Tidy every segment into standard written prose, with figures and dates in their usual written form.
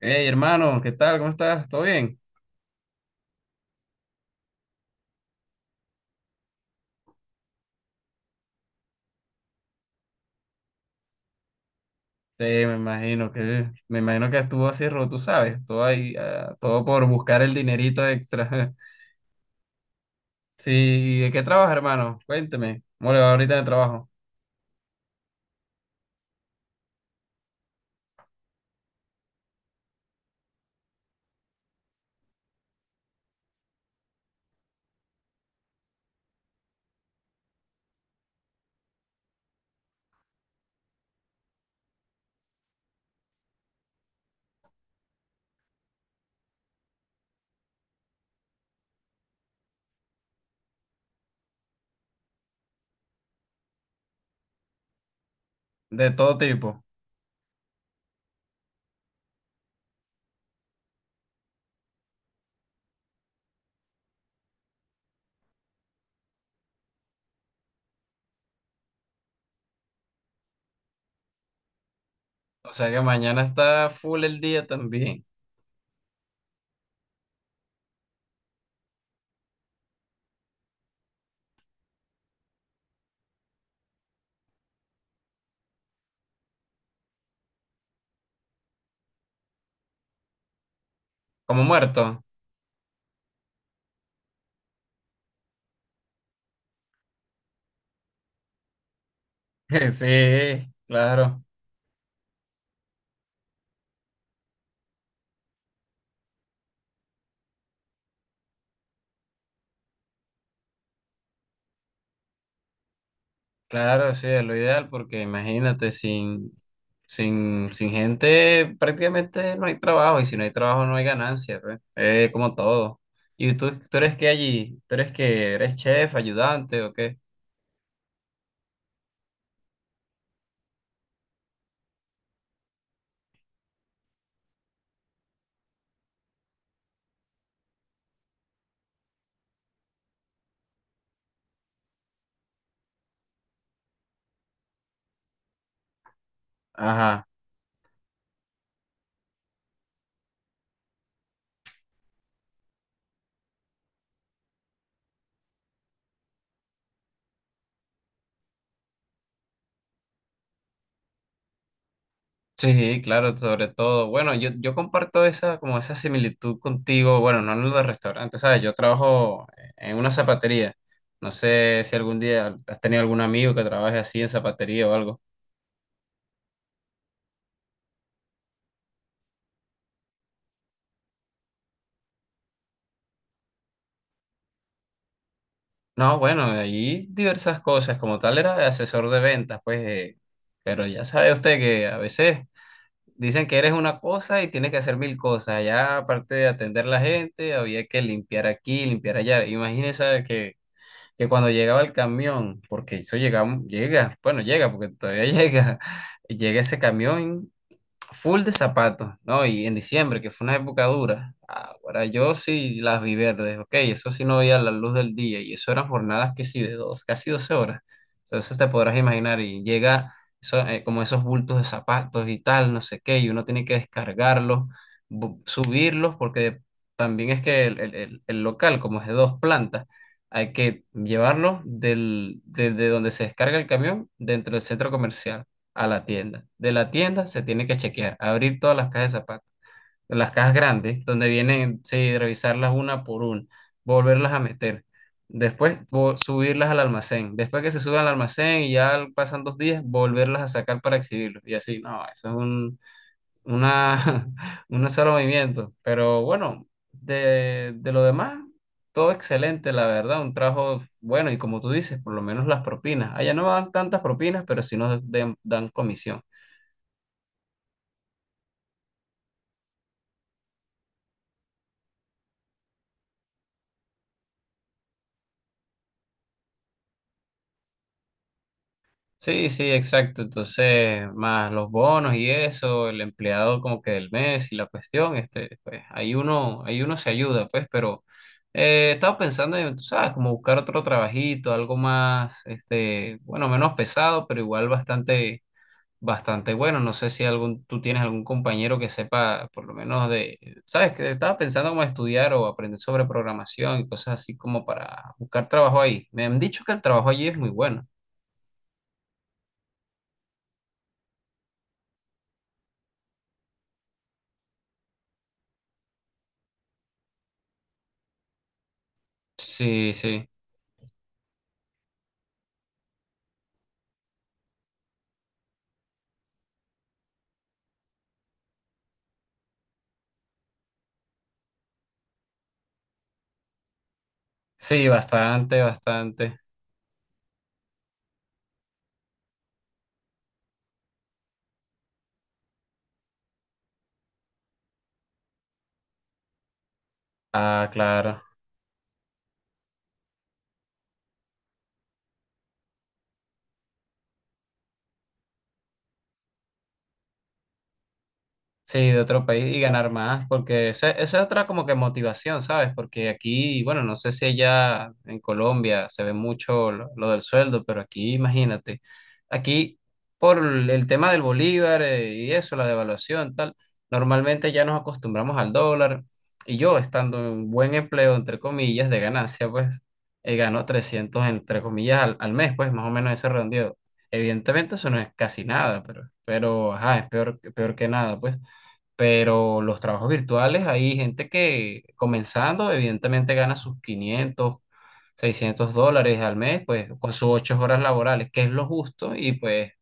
Hey, hermano, ¿qué tal? ¿Cómo estás? ¿Todo bien? Sí, me imagino que estuvo así, tú sabes, todo ahí, todo por buscar el dinerito extra. Sí, ¿y de qué trabajas, hermano? Cuénteme. ¿Cómo le va ahorita en el trabajo? De todo tipo. O sea que mañana está full el día también. Como muerto. Sí, claro. Claro, sí, es lo ideal porque imagínate, sin gente prácticamente no hay trabajo y si no hay trabajo no hay ganancia, pues. Es como todo. ¿Y tú eres qué allí? ¿Tú eres que eres chef, ayudante o qué? Ajá. Sí, claro, sobre todo. Bueno, yo comparto esa, como esa similitud contigo, bueno, no en los restaurantes, ¿sabes? Yo trabajo en una zapatería. No sé si algún día has tenido algún amigo que trabaje así en zapatería o algo. No, bueno, ahí diversas cosas. Como tal, era asesor de ventas, pues. Pero ya sabe usted que a veces dicen que eres una cosa y tienes que hacer mil cosas. Ya, aparte de atender la gente, había que limpiar aquí, limpiar allá. Imagínese que, cuando llegaba el camión, porque eso llega, llega, bueno, llega, porque todavía llega, llega ese camión full de zapatos, ¿no? Y en diciembre, que fue una época dura. Ahora yo sí las vi verdes, ok, eso sí no veía la luz del día y eso eran jornadas que sí de dos, casi 12 horas. Entonces te podrás imaginar y llega eso, como esos bultos de zapatos y tal, no sé qué, y uno tiene que descargarlos, subirlos, porque también es que el local, como es de 2 plantas, hay que llevarlo desde donde se descarga el camión dentro del centro comercial a la tienda. De la tienda se tiene que chequear, abrir todas las cajas de zapatos, las cajas grandes, donde vienen, sí, revisarlas una por una, volverlas a meter. Después subirlas al almacén. Después que se suben al almacén y ya pasan 2 días, volverlas a sacar para exhibirlos. Y así, no, eso es una, un solo movimiento. Pero bueno, de lo demás, todo excelente, la verdad. Un trabajo bueno y como tú dices, por lo menos las propinas. Allá no dan tantas propinas, pero sí nos dan comisión. Sí, sí, exacto. Entonces, más los bonos y eso, el empleado como que del mes y la cuestión, este, pues ahí uno se ayuda, pues, pero estaba pensando en, tú sabes, como buscar otro trabajito, algo más, este, bueno, menos pesado, pero igual bastante, bastante bueno. No sé si algún, tú tienes algún compañero que sepa, por lo menos de, sabes, que estaba pensando como estudiar o aprender sobre programación y cosas así como para buscar trabajo ahí. Me han dicho que el trabajo allí es muy bueno. Sí, sí. Sí, bastante, bastante. Ah, claro. Sí, de otro país y ganar más, porque esa es otra como que motivación, ¿sabes? Porque aquí, bueno, no sé si allá en Colombia se ve mucho lo del sueldo, pero aquí, imagínate, aquí por el tema del bolívar y eso, la devaluación, tal, normalmente ya nos acostumbramos al dólar y yo estando en un buen empleo, entre comillas, de ganancia, pues gano 300 entre comillas, al mes, pues más o menos ese redondeo. Evidentemente eso no es casi nada, pero, ajá, es peor, peor que nada, pues. Pero los trabajos virtuales, hay gente que comenzando, evidentemente gana sus 500 600 dólares al mes, pues con sus 8 horas laborales, que es lo justo, y pues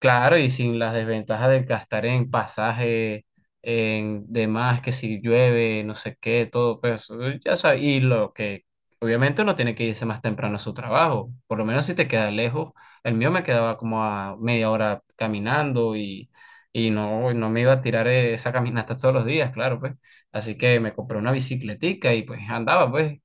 claro, y sin las desventajas de gastar en pasaje, en demás, que si llueve, no sé qué, todo, pues eso, ya sabes, y lo que obviamente uno tiene que irse más temprano a su trabajo, por lo menos si te queda lejos, el mío me quedaba como a media hora caminando y no, no me iba a tirar esa caminata todos los días, claro, pues, así que me compré una bicicletica y pues andaba, pues,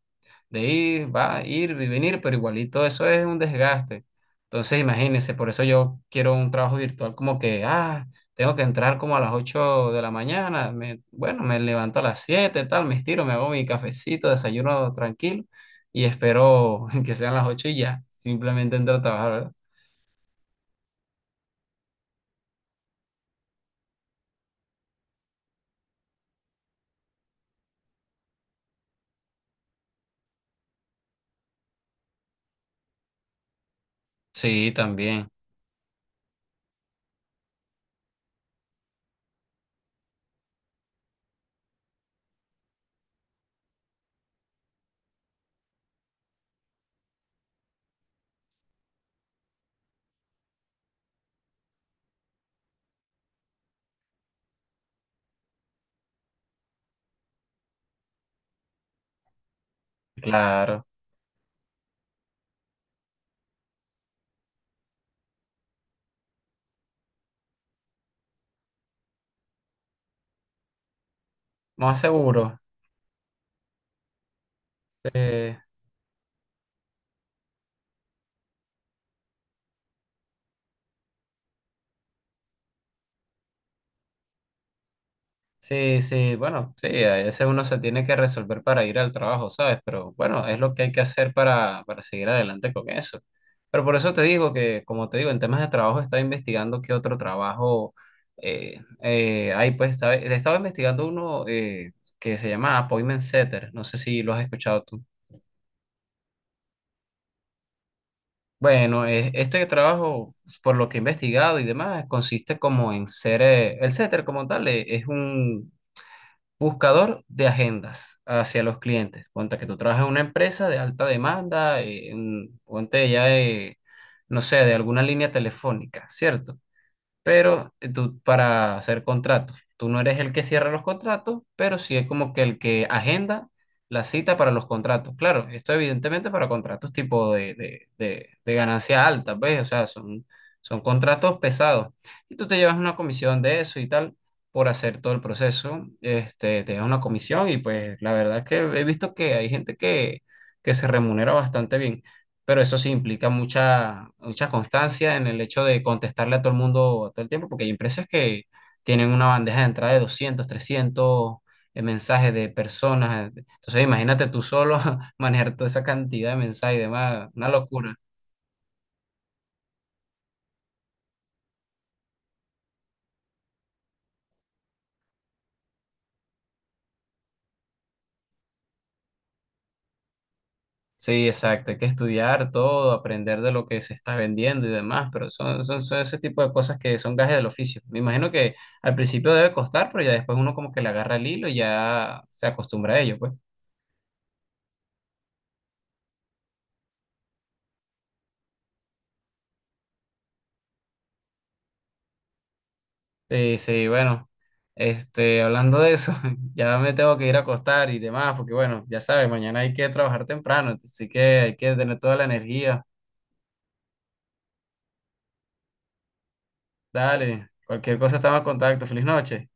de ir, va, ir y venir, pero igualito eso es un desgaste. Entonces, imagínense, por eso yo quiero un trabajo virtual como que, tengo que entrar como a las 8 de la mañana, me levanto a las 7 tal, me estiro, me hago mi cafecito, desayuno tranquilo y espero que sean las 8 y ya, simplemente entro a trabajar, ¿verdad? Sí, también, claro, más seguro. Sí. Sí, sí, bueno, sí, a veces uno se tiene que resolver para ir al trabajo, ¿sabes? Pero bueno, es lo que hay que hacer para seguir adelante con eso. Pero por eso te digo que, como te digo, en temas de trabajo estaba investigando qué otro trabajo hay, pues estaba investigando uno que se llama Appointment Setter, no sé si lo has escuchado tú. Bueno, este trabajo, por lo que he investigado y demás, consiste como en ser, el setter como tal, es un, buscador de agendas hacia los clientes. Ponte que tú trabajas en una empresa de alta demanda, ponte ya, no sé, de alguna línea telefónica, ¿cierto? Pero tú para hacer contratos. Tú no eres el que cierra los contratos, pero sí es como que el que agenda la cita para los contratos. Claro, esto evidentemente para contratos tipo de ganancia alta, ¿ves? O sea, son, contratos pesados. Y tú te llevas una comisión de eso y tal por hacer todo el proceso. Este, te llevas una comisión y pues la verdad es que he visto que hay gente que se remunera bastante bien, pero eso sí implica mucha, mucha constancia en el hecho de contestarle a todo el mundo todo el tiempo, porque hay empresas que tienen una bandeja de entrada de 200, 300 mensajes de personas. Entonces, imagínate tú solo manejar toda esa cantidad de mensajes y demás, una locura. Sí, exacto, hay que estudiar todo, aprender de lo que se está vendiendo y demás, pero son ese tipo de cosas que son gajes del oficio. Me imagino que al principio debe costar, pero ya después uno como que le agarra el hilo y ya se acostumbra a ello, pues. Sí, sí, bueno, este, hablando de eso, ya me tengo que ir a acostar y demás, porque bueno, ya sabes, mañana hay que trabajar temprano, así que hay que tener toda la energía. Dale, cualquier cosa estamos en contacto. Feliz noche.